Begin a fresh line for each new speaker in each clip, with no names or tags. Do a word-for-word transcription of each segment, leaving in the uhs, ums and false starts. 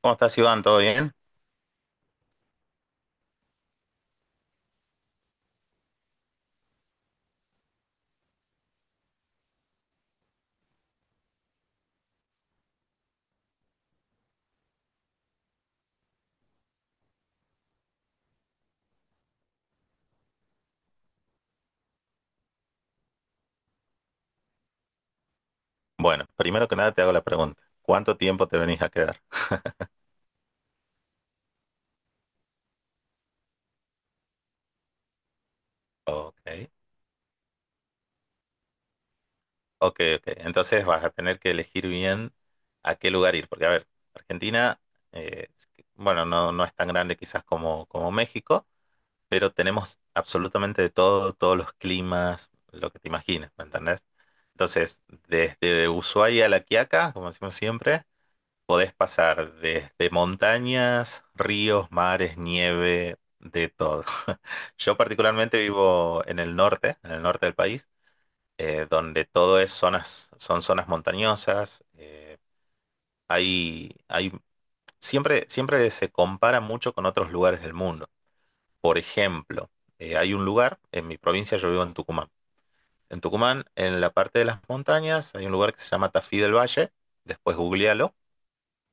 ¿Cómo estás, Iván? ¿Todo bien? Bueno, primero que nada te hago la pregunta. ¿Cuánto tiempo te venís a quedar? Ok, ok, ok. Entonces vas a tener que elegir bien a qué lugar ir, porque a ver, Argentina, eh, es que- bueno, no, no es tan grande quizás como, como México, pero tenemos absolutamente de todo, todos los climas, lo que te imagines, ¿me entendés? Entonces, desde Ushuaia a La Quiaca, como decimos siempre, podés pasar desde montañas, ríos, mares, nieve, de todo. Yo particularmente vivo en el norte, en el norte del país, eh, donde todo es zonas, son zonas montañosas. eh, hay, hay, siempre, siempre se compara mucho con otros lugares del mundo. Por ejemplo, eh, hay un lugar en mi provincia, yo vivo en Tucumán. En Tucumán, en la parte de las montañas, hay un lugar que se llama Tafí del Valle. Después googlealo.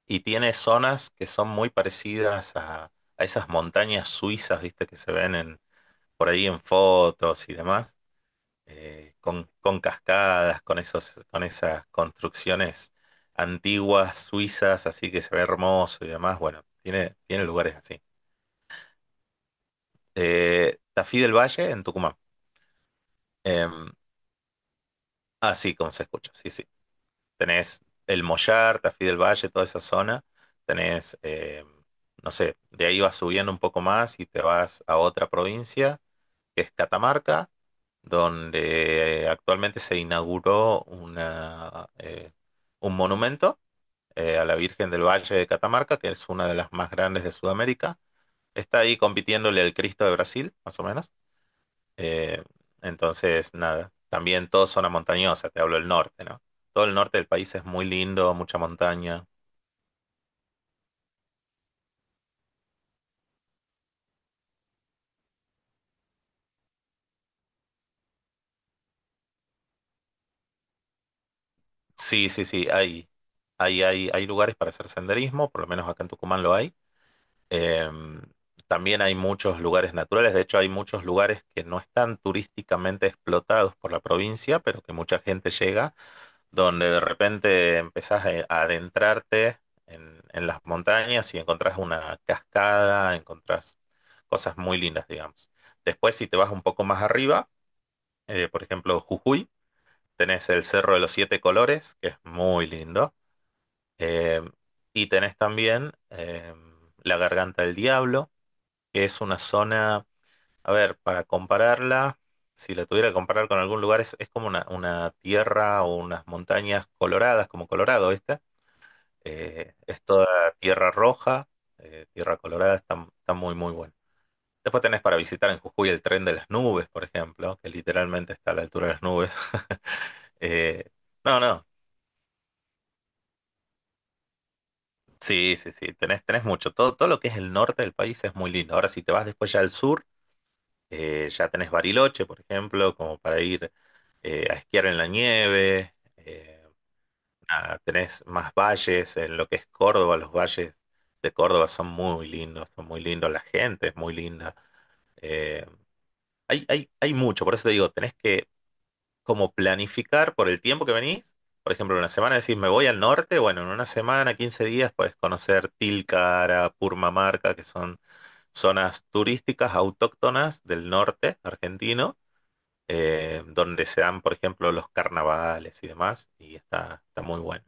Y tiene zonas que son muy parecidas a, a esas montañas suizas, viste, que se ven en, por ahí en fotos y demás, eh, con, con cascadas, con esos, con esas construcciones antiguas suizas, así que se ve hermoso y demás. Bueno, tiene, tiene lugares así. Eh, Tafí del Valle, en Tucumán. Em, Así como se escucha, sí, sí. Tenés el Mollar, Tafí del Valle, toda esa zona. Tenés, eh, no sé, de ahí vas subiendo un poco más y te vas a otra provincia, que es Catamarca, donde actualmente se inauguró una, eh, un monumento eh, a la Virgen del Valle de Catamarca, que es una de las más grandes de Sudamérica. Está ahí compitiéndole al Cristo de Brasil, más o menos. Eh, entonces, nada, también toda zona montañosa, te hablo del norte, ¿no? Todo el norte del país es muy lindo, mucha montaña. Sí, sí, sí, hay, hay, hay, hay lugares para hacer senderismo, por lo menos acá en Tucumán lo hay. Em, También hay muchos lugares naturales, de hecho hay muchos lugares que no están turísticamente explotados por la provincia, pero que mucha gente llega donde de repente empezás a a adentrarte en, en las montañas y encontrás una cascada, encontrás cosas muy lindas, digamos. Después, si te vas un poco más arriba, eh, por ejemplo, Jujuy, tenés el Cerro de los Siete Colores, que es muy lindo, eh, y tenés también eh, la Garganta del Diablo, que es una zona, a ver, para compararla, si la tuviera que comparar con algún lugar, es, es como una, una tierra o unas montañas coloradas, como Colorado, ¿viste? Eh, es toda tierra roja, eh, tierra colorada, está, está muy, muy bueno. Después tenés para visitar en Jujuy el tren de las nubes, por ejemplo, que literalmente está a la altura de las nubes. Eh, no, no, sí, sí, sí, tenés, tenés mucho. Todo, todo lo que es el norte del país es muy lindo. Ahora, si te vas después ya al sur, eh, ya tenés Bariloche, por ejemplo, como para ir eh, a esquiar en la nieve. Eh, Ah, tenés más valles en lo que es Córdoba, los valles de Córdoba son muy lindos, son muy lindos, la gente es muy linda. Eh, hay, hay, hay mucho, por eso te digo, tenés que como planificar por el tiempo que venís. Por ejemplo, una semana decís, me voy al norte, bueno, en una semana, quince días, puedes conocer Tilcara, Purmamarca, que son zonas turísticas autóctonas del norte argentino, eh, donde se dan, por ejemplo, los carnavales y demás, y está, está muy bueno.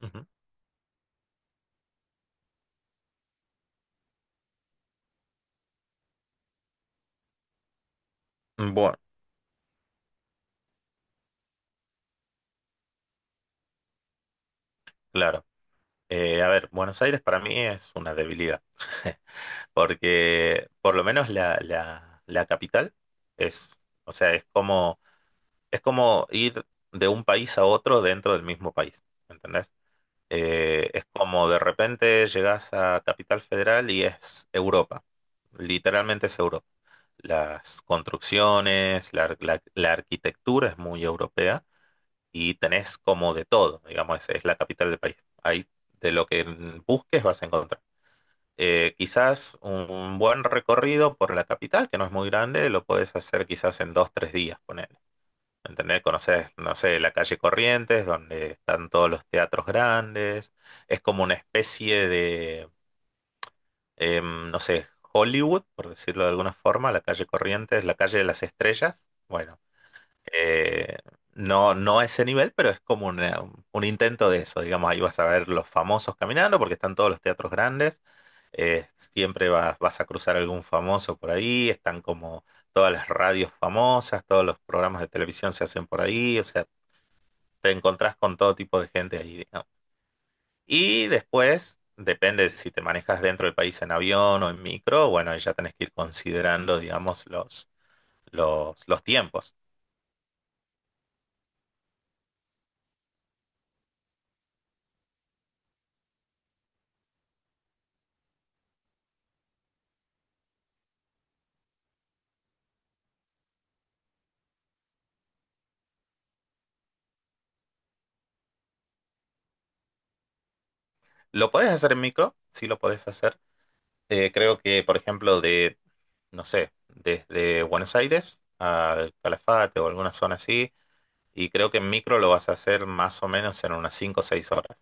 Ujú. Bueno. Claro, Eh, a ver, Buenos Aires para mí es una debilidad, porque por lo menos la, la, la capital es, o sea, es como, es como ir de un país a otro dentro del mismo país, ¿entendés? Eh, es como de repente llegas a Capital Federal y es Europa, literalmente es Europa. Las construcciones, la, la la arquitectura es muy europea y tenés como de todo, digamos, es, es la capital del país. Ahí de lo que mm, busques vas a encontrar. Eh, quizás un buen recorrido por la capital, que no es muy grande, lo podés hacer quizás en dos, tres días, ponele. ¿Entendés? Conoces, no sé, la calle Corrientes, donde están todos los teatros grandes. Es como una especie de, em, no sé, Hollywood, por decirlo de alguna forma, la calle Corrientes, la calle de las estrellas. Bueno, eh, no, no a ese nivel, pero es como una- un intento de eso. Digamos, ahí vas a ver los famosos caminando porque están todos los teatros grandes. eh, Siempre vas, vas a cruzar algún famoso por ahí. Están como todas las radios famosas, todos los programas de televisión se hacen por ahí. O sea, te encontrás con todo tipo de gente ahí, digamos. Y después, depende de si te manejas dentro del país en avión o en micro, bueno, ahí ya tenés que ir considerando, digamos, los, los, los tiempos. Lo podés hacer en micro, sí lo podés hacer. Eh, creo que, por ejemplo, de, no sé, desde Buenos Aires al Calafate o alguna zona así, y creo que en micro lo vas a hacer más o menos en unas cinco o seis horas,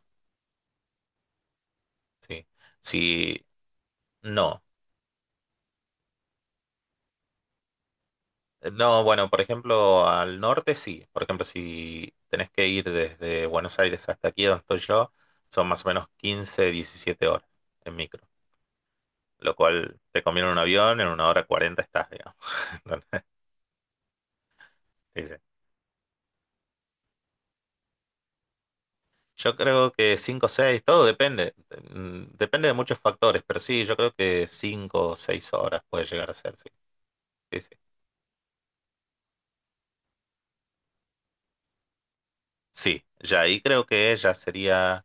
¿sí? Si no, eh, no, bueno, por ejemplo, al norte sí, por ejemplo, si tenés que ir desde Buenos Aires hasta aquí donde estoy yo, son más o menos quince diecisiete horas en micro, lo cual te conviene un avión, en una hora cuarenta estás, digamos. Yo creo que cinco o seis todo depende. mm, Depende de muchos factores, pero sí, yo creo que cinco o seis horas puede llegar a ser, sí. Sí, sí. Sí, ya ahí creo que ya sería,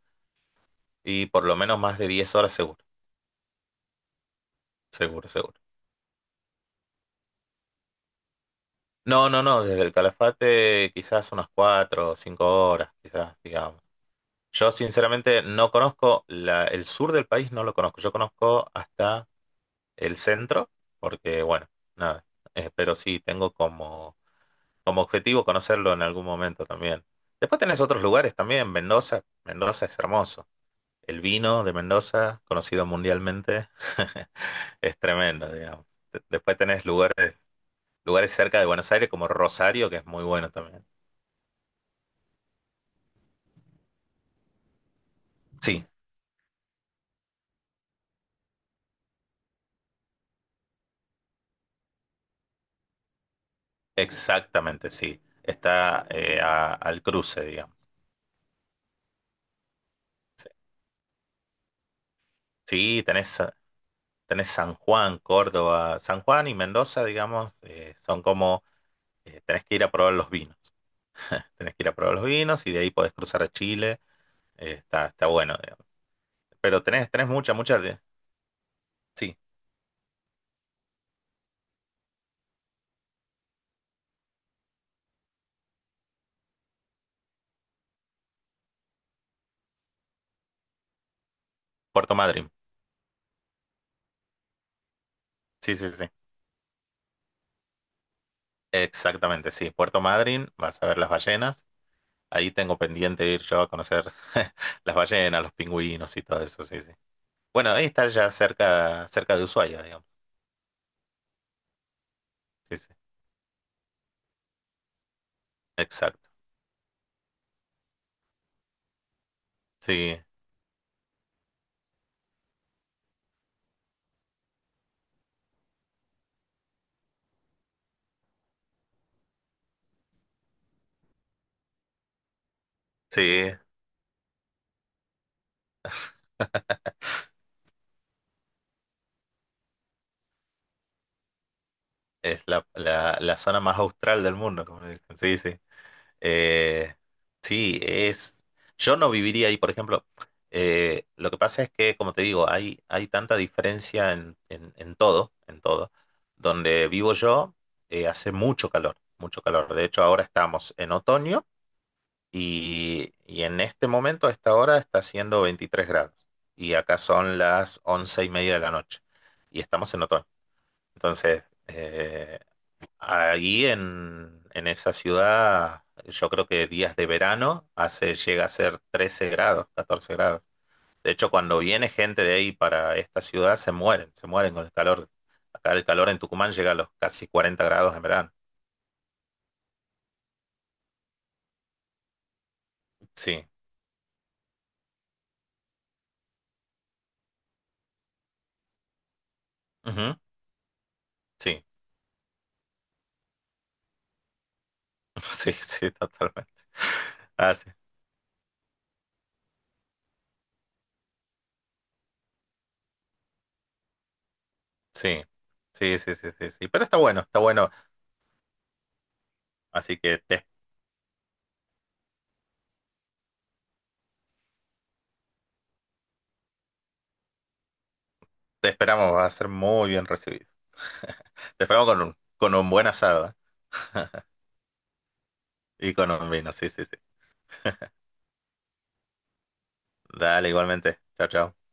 y por lo menos más de diez horas seguro, seguro, seguro. No, no, no, desde el Calafate quizás unas cuatro o cinco horas, quizás, digamos. Yo sinceramente no conozco la- el sur del país, no lo conozco. Yo conozco hasta el centro, porque bueno, nada. Eh, pero sí, tengo como como objetivo conocerlo en algún momento también. Después tenés otros lugares también, Mendoza, Mendoza es hermoso. El vino de Mendoza, conocido mundialmente, es tremendo, digamos. De- Después tenés lugares, lugares cerca de Buenos Aires como Rosario, que es muy bueno también. Sí, exactamente, sí. Está eh, a- al cruce, digamos. Sí, sí, tenés, tenés San Juan, Córdoba. San Juan y Mendoza, digamos, eh, son como, eh, tenés que ir a probar los vinos. Tenés que ir a probar los vinos y de ahí podés cruzar a Chile. Eh, está, está bueno, digamos. Pero tenés, tenés mucha, mucha de... Sí, Puerto Madryn. Sí, sí, sí. Exactamente, sí. Puerto Madryn, vas a ver las ballenas. Ahí tengo pendiente de ir yo a conocer las ballenas, los pingüinos y todo eso, sí, sí. Bueno, ahí está ya cerca, cerca de Ushuaia, digamos. Sí, sí. Exacto. Sí, sí. Es la, la, la zona más austral del mundo, como le dicen. Sí, sí. Eh, sí, es. Yo no viviría ahí, por ejemplo. Eh, lo que pasa es que, como te digo, hay, hay tanta diferencia en, en, en todo, en todo. Donde vivo yo, eh, hace mucho calor, mucho calor. De hecho, ahora estamos en otoño y, y en este momento, a esta hora, está haciendo 23 grados. Y acá son las once y media de la noche. Y estamos en otoño. Entonces, eh, ahí en, en esa ciudad, yo creo que días de verano hace, llega a ser trece grados, catorce grados. De hecho, cuando viene gente de ahí para esta ciudad, se mueren, se mueren con el calor. Acá el calor en Tucumán llega a los casi cuarenta grados en verano. Sí, ujú, sí, sí, sí, totalmente. Ah, sí, sí, sí, sí, sí, sí, sí. Pero está bueno, está bueno. Así que te, te esperamos, va a ser muy bien recibido. Te esperamos con un, con un buen asado. ¿Eh? Y con un vino, sí, sí, sí. Dale, igualmente. Chao, chao.